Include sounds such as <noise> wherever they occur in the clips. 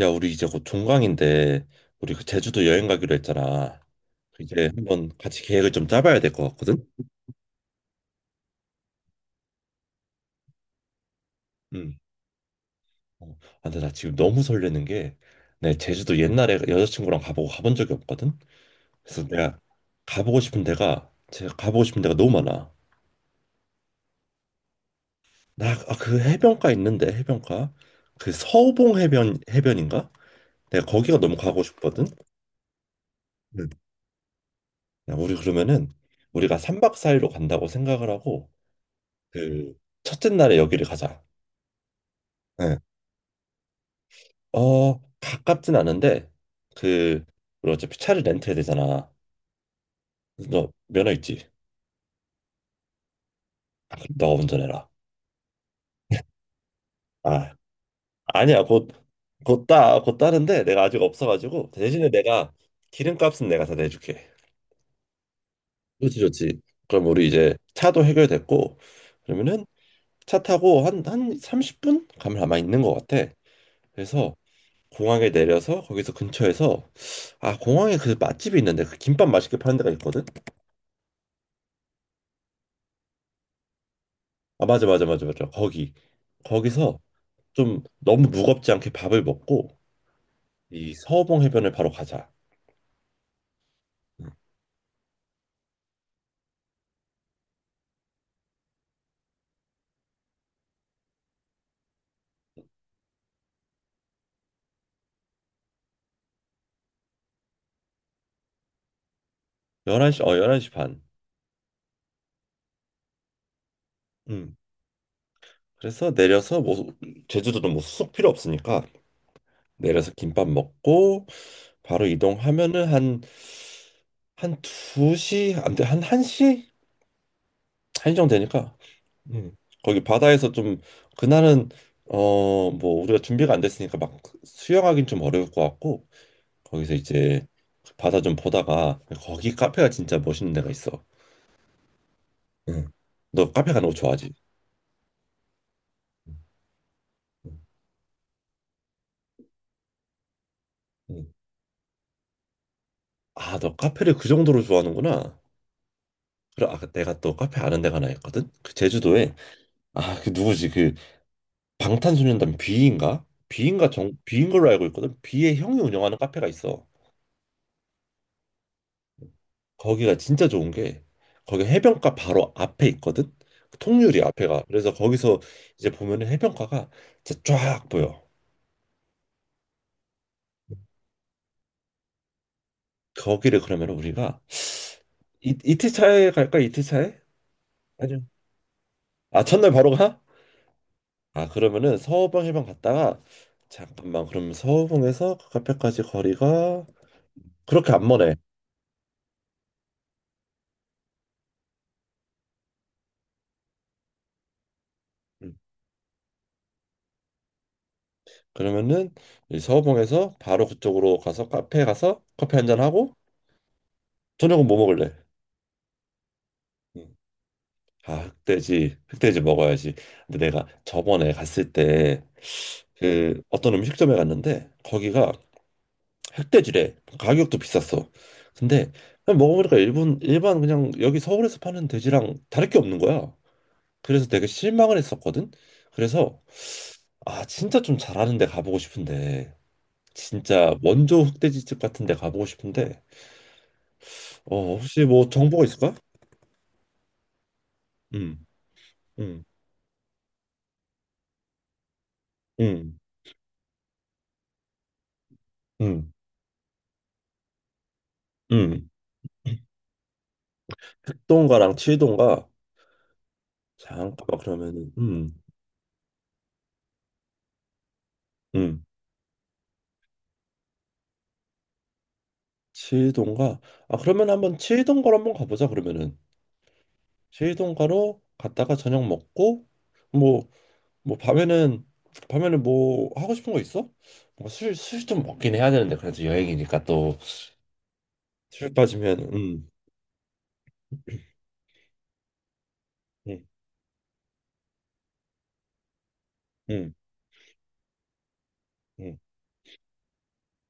야, 우리 이제 곧 종강인데 우리 그 제주도 여행 가기로 했잖아. 이제 한번 같이 계획을 좀 짜봐야 될 것 같거든. 음. 어, 근데 나 지금 너무 설레는 게 내 제주도 옛날에 여자친구랑 가보고 가본 적이 없거든. 그래서 내가 가보고 싶은 데가 제가 가보고 싶은 데가 너무 많아. 나 그 해변가 그 서봉 해변인가? 내가 거기가 너무 가고 싶거든. 네. 야, 우리 그러면은 우리가 3박 4일로 간다고 생각을 하고 그 첫째 날에 여기를 가자. 네. 어, 가깝진 않은데, 그, 우리 어차피 차를 렌트해야 되잖아. 너 면허 있지? 아, 그럼 너가 운전해라. 아, 아니야. 곧 따는데 내가 아직 없어가지고, 대신에 내가 기름값은 내가 다 내줄게. 좋지, 좋지. 그럼 우리 이제 차도 해결됐고, 그러면은 차 타고 한 30분? 가면 아마 있는 것 같아. 그래서 공항에 내려서 거기서 근처에서, 아, 공항에 그 맛집이 있는데, 그 김밥 맛있게 파는 데가 있거든? 아 맞아 맞아 맞아 맞아 거기서 좀 너무 무겁지 않게 밥을 먹고 이 서호봉 해변을 바로 가자. 응. 11시 11시 반. 음. 그래서 내려서 뭐 제주도는 뭐 숙 필요 없으니까 내려서 김밥 먹고 바로 이동하면은 한 2시, 안돼, 한 1시, 한시 정도 되니까. 음. 거기 바다에서 좀 그날은 어 뭐 우리가 준비가 안 됐으니까 막 수영하긴 좀 어려울 것 같고 거기서 이제 바다 좀 보다가 거기 카페가 진짜 멋있는 데가 있어. 응, 너 카페 가는 거 좋아하지? 응, 응, 응. 아, 너 카페를 그 정도로 좋아하는구나. 그래, 아, 내가 또 카페 아는 데가 하나 있거든. 그 제주도에. 아, 그 누구지? 그 방탄소년단 B인가? B인가 정 B인 걸로 알고 있거든. B의 형이 운영하는 카페가 있어. 거기가 진짜 좋은 게 거기 해변가 바로 앞에 있거든. 그 통유리 앞에가. 그래서 거기서 이제 보면은 해변가가 진짜 쫙 보여. 거기를 그러면 우리가 이틀 차에 갈까? 이틀 차에? 아니요. 아, 첫날 바로 가? 아, 그러면은 서호봉 해변 갔다가 잠깐만. 그럼 서호봉에서 그 카페까지 거리가 그렇게 안 머네. 음. 그러면은 이 서호봉에서 바로 그쪽으로 가서 카페에 가서 커피 한잔 하고 저녁은 뭐 먹을래? 음. 아, 흑돼지. 흑돼지 먹어야지. 근데 내가 저번에 갔을 때 그 어떤 음식점에 갔는데 거기가 흑돼지래. 가격도 비쌌어. 근데 그냥 먹어보니까 일본 일반 그냥 여기 서울에서 파는 돼지랑 다를 게 없는 거야. 그래서 되게 실망을 했었거든. 그래서 아 진짜 좀 잘하는 데 가보고 싶은데 진짜 원조 흑돼지집 같은 데 가보고 싶은데 어 혹시 뭐 정보가 있을까? 음, 음, 음, 음, 음. 흑동가랑 칠동가. 잠깐만 그러면은 음. 칠동가. 아 그러면 한번 칠동가로 한번 가보자 그러면은 제이동가로 갔다가 저녁 먹고 뭐 뭐 밤에는 뭐 하고 싶은 거 있어? 뭐술술좀 먹긴 해야 되는데 그래도 여행이니까 또 술 빠지면 음, 음, 음,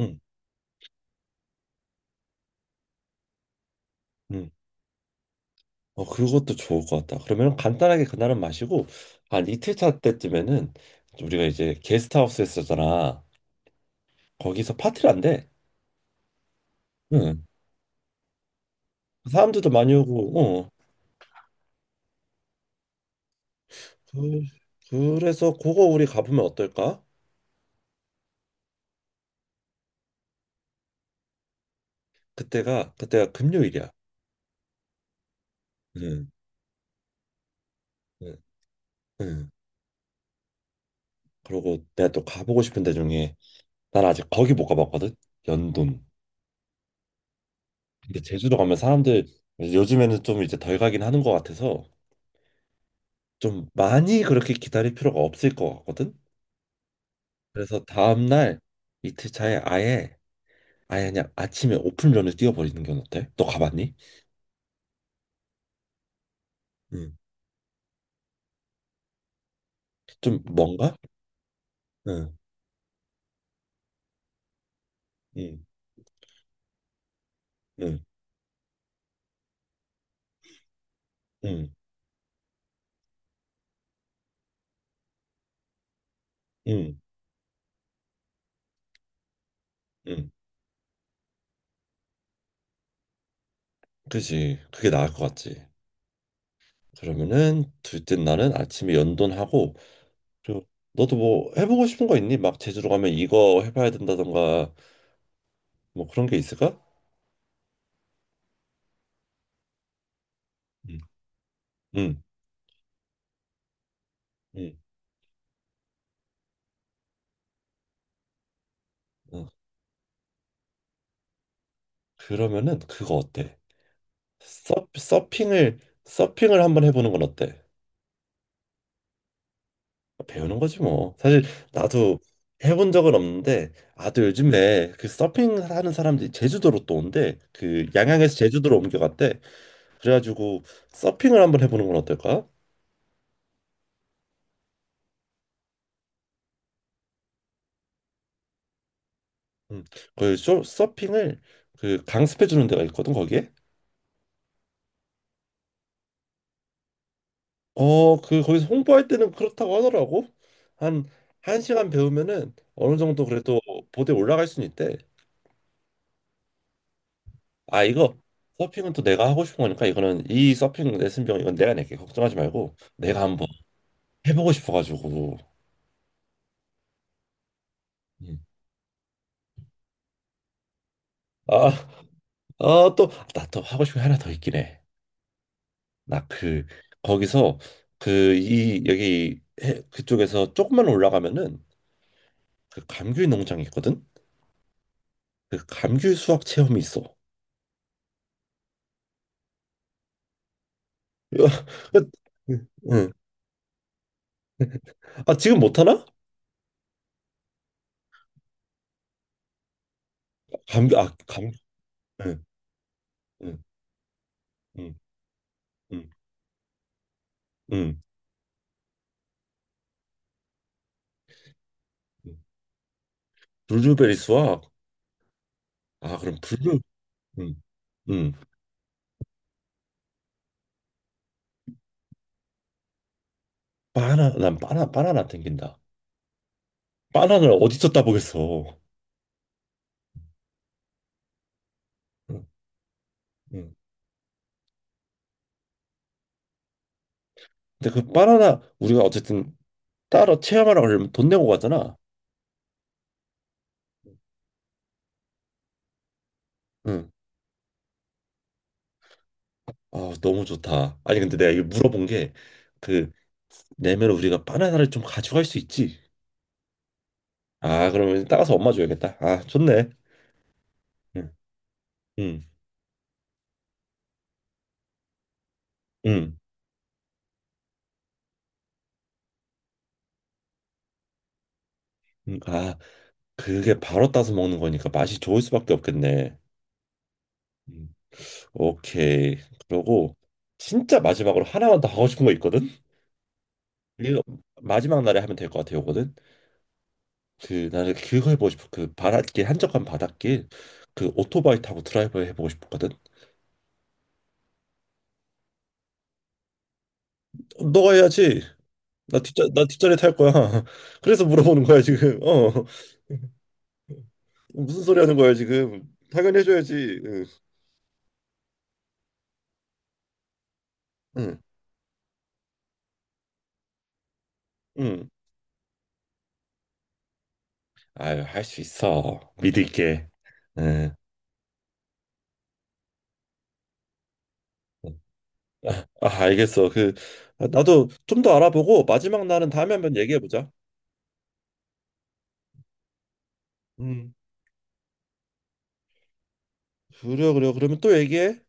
음, 음. 어 그것도 좋을 것 같다. 그러면 간단하게 그날은 마시고 한 이틀 차 때쯤에는 우리가 이제 게스트하우스에 쓰잖아. 거기서 파티를 한대. 응. 사람들도 많이 오고. 어. 그, 그래서 그거 우리 가보면 어떨까? 그때가 금요일이야. 응, 응, 응. 그리고 내가 또 가보고 싶은 데 중에 난 아직 거기 못 가봤거든? 연돈. 근데 제주도 가면 사람들 요즘에는 좀 이제 덜 가긴 하는 것 같아서 좀 많이 그렇게 기다릴 필요가 없을 것 같거든? 그래서 다음날 이틀 차에 아예 그냥 아침에 오픈런을 뛰어버리는 건 어때? 너 가봤니? 응. 좀 뭔가? 응, 응, 응, 응, 응, 응. 그지. 그게 나을 것 같지. 그러면은 둘째 날은 아침에 연돈하고 저- 너도 뭐 해보고 싶은 거 있니? 막 제주로 가면 이거 해봐야 된다던가 뭐 그런 게 있을까? 응, 응, 응. 어. 그러면은 그거 어때? 서핑을 한번 해보는 건 어때? 배우는 거지 뭐. 사실 나도 해본 적은 없는데 아 또 요즘에 그 서핑 하는 사람들이 제주도로 또 온대. 그 양양에서 제주도로 옮겨갔대. 그래가지고 서핑을 한번 해보는 건 어떨까? 응. 그 서핑을 그 강습해주는 데가 있거든 거기에. 어, 그 거기서 홍보할 때는 그렇다고 하더라고. 한 1시간 배우면은 어느 정도 그래도 보드에 올라갈 수는 있대. 아, 이거 서핑은 또 내가 하고 싶은 거니까 이거는 이 서핑 레슨 비용 이건 내가 낼게. 걱정하지 말고 내가 한번 해보고 싶어가지고. 음. 아, 아, 또, 나 또 하고 싶은 게 하나 더 있긴 해. 나 그, 거기서 그, 이, 여기, 그쪽에서 조금만 올라가면은 그 감귤 농장이 있거든? 그 감귤 수확 체험이 있어. <laughs> 응. 아, 지금 못하나? 감기, 아, 감기. 응, 응, 응, 응, 응. 응. 블루베리 수학. 아, 그럼 블루. 응, 응. 난 바나나 땡긴다. 바나나를 어디서 따보겠어. 응, 응. 근데 그 바나나, 우리가 어쨌든 따러 체험하라고 하려면 돈 내고 가잖아. 응. 아, 너무 좋다. 아니, 근데 내가 이거 물어본 게, 그, 내면 우리가 바나나를 좀 가져갈 수 있지. 아, 그러면 따가서 엄마 줘야겠다. 아, 좋네. 응, 응, 응. 응. 아. 그게 바로 따서 먹는 거니까 맛이 좋을 수밖에 없겠네. 음. 오케이. 그러고 진짜 마지막으로 하나만 더 하고 싶은 거 있거든. 이거 마지막 날에 하면 될 것 같아 요거는. 그 나는 그거 해보고 싶어. 그 바닷길 한적한 바닷길 그 오토바이 타고 드라이브 해보고 싶거든. 어, 너가 해야지. 나 뒷자리 탈 거야. <laughs> 그래서 물어보는 거야 지금. 어 무슨 소리 하는 거야 지금. 당연히 해줘야지. 응. 응. 응. 아유 할 수 있어. 믿을게. 응. 아, 알겠어. 그 아, 나도 좀 더 알아보고 마지막 날은 다음에 한번 얘기해 보자. 음. 그래 그래. 그러면 또 얘기해.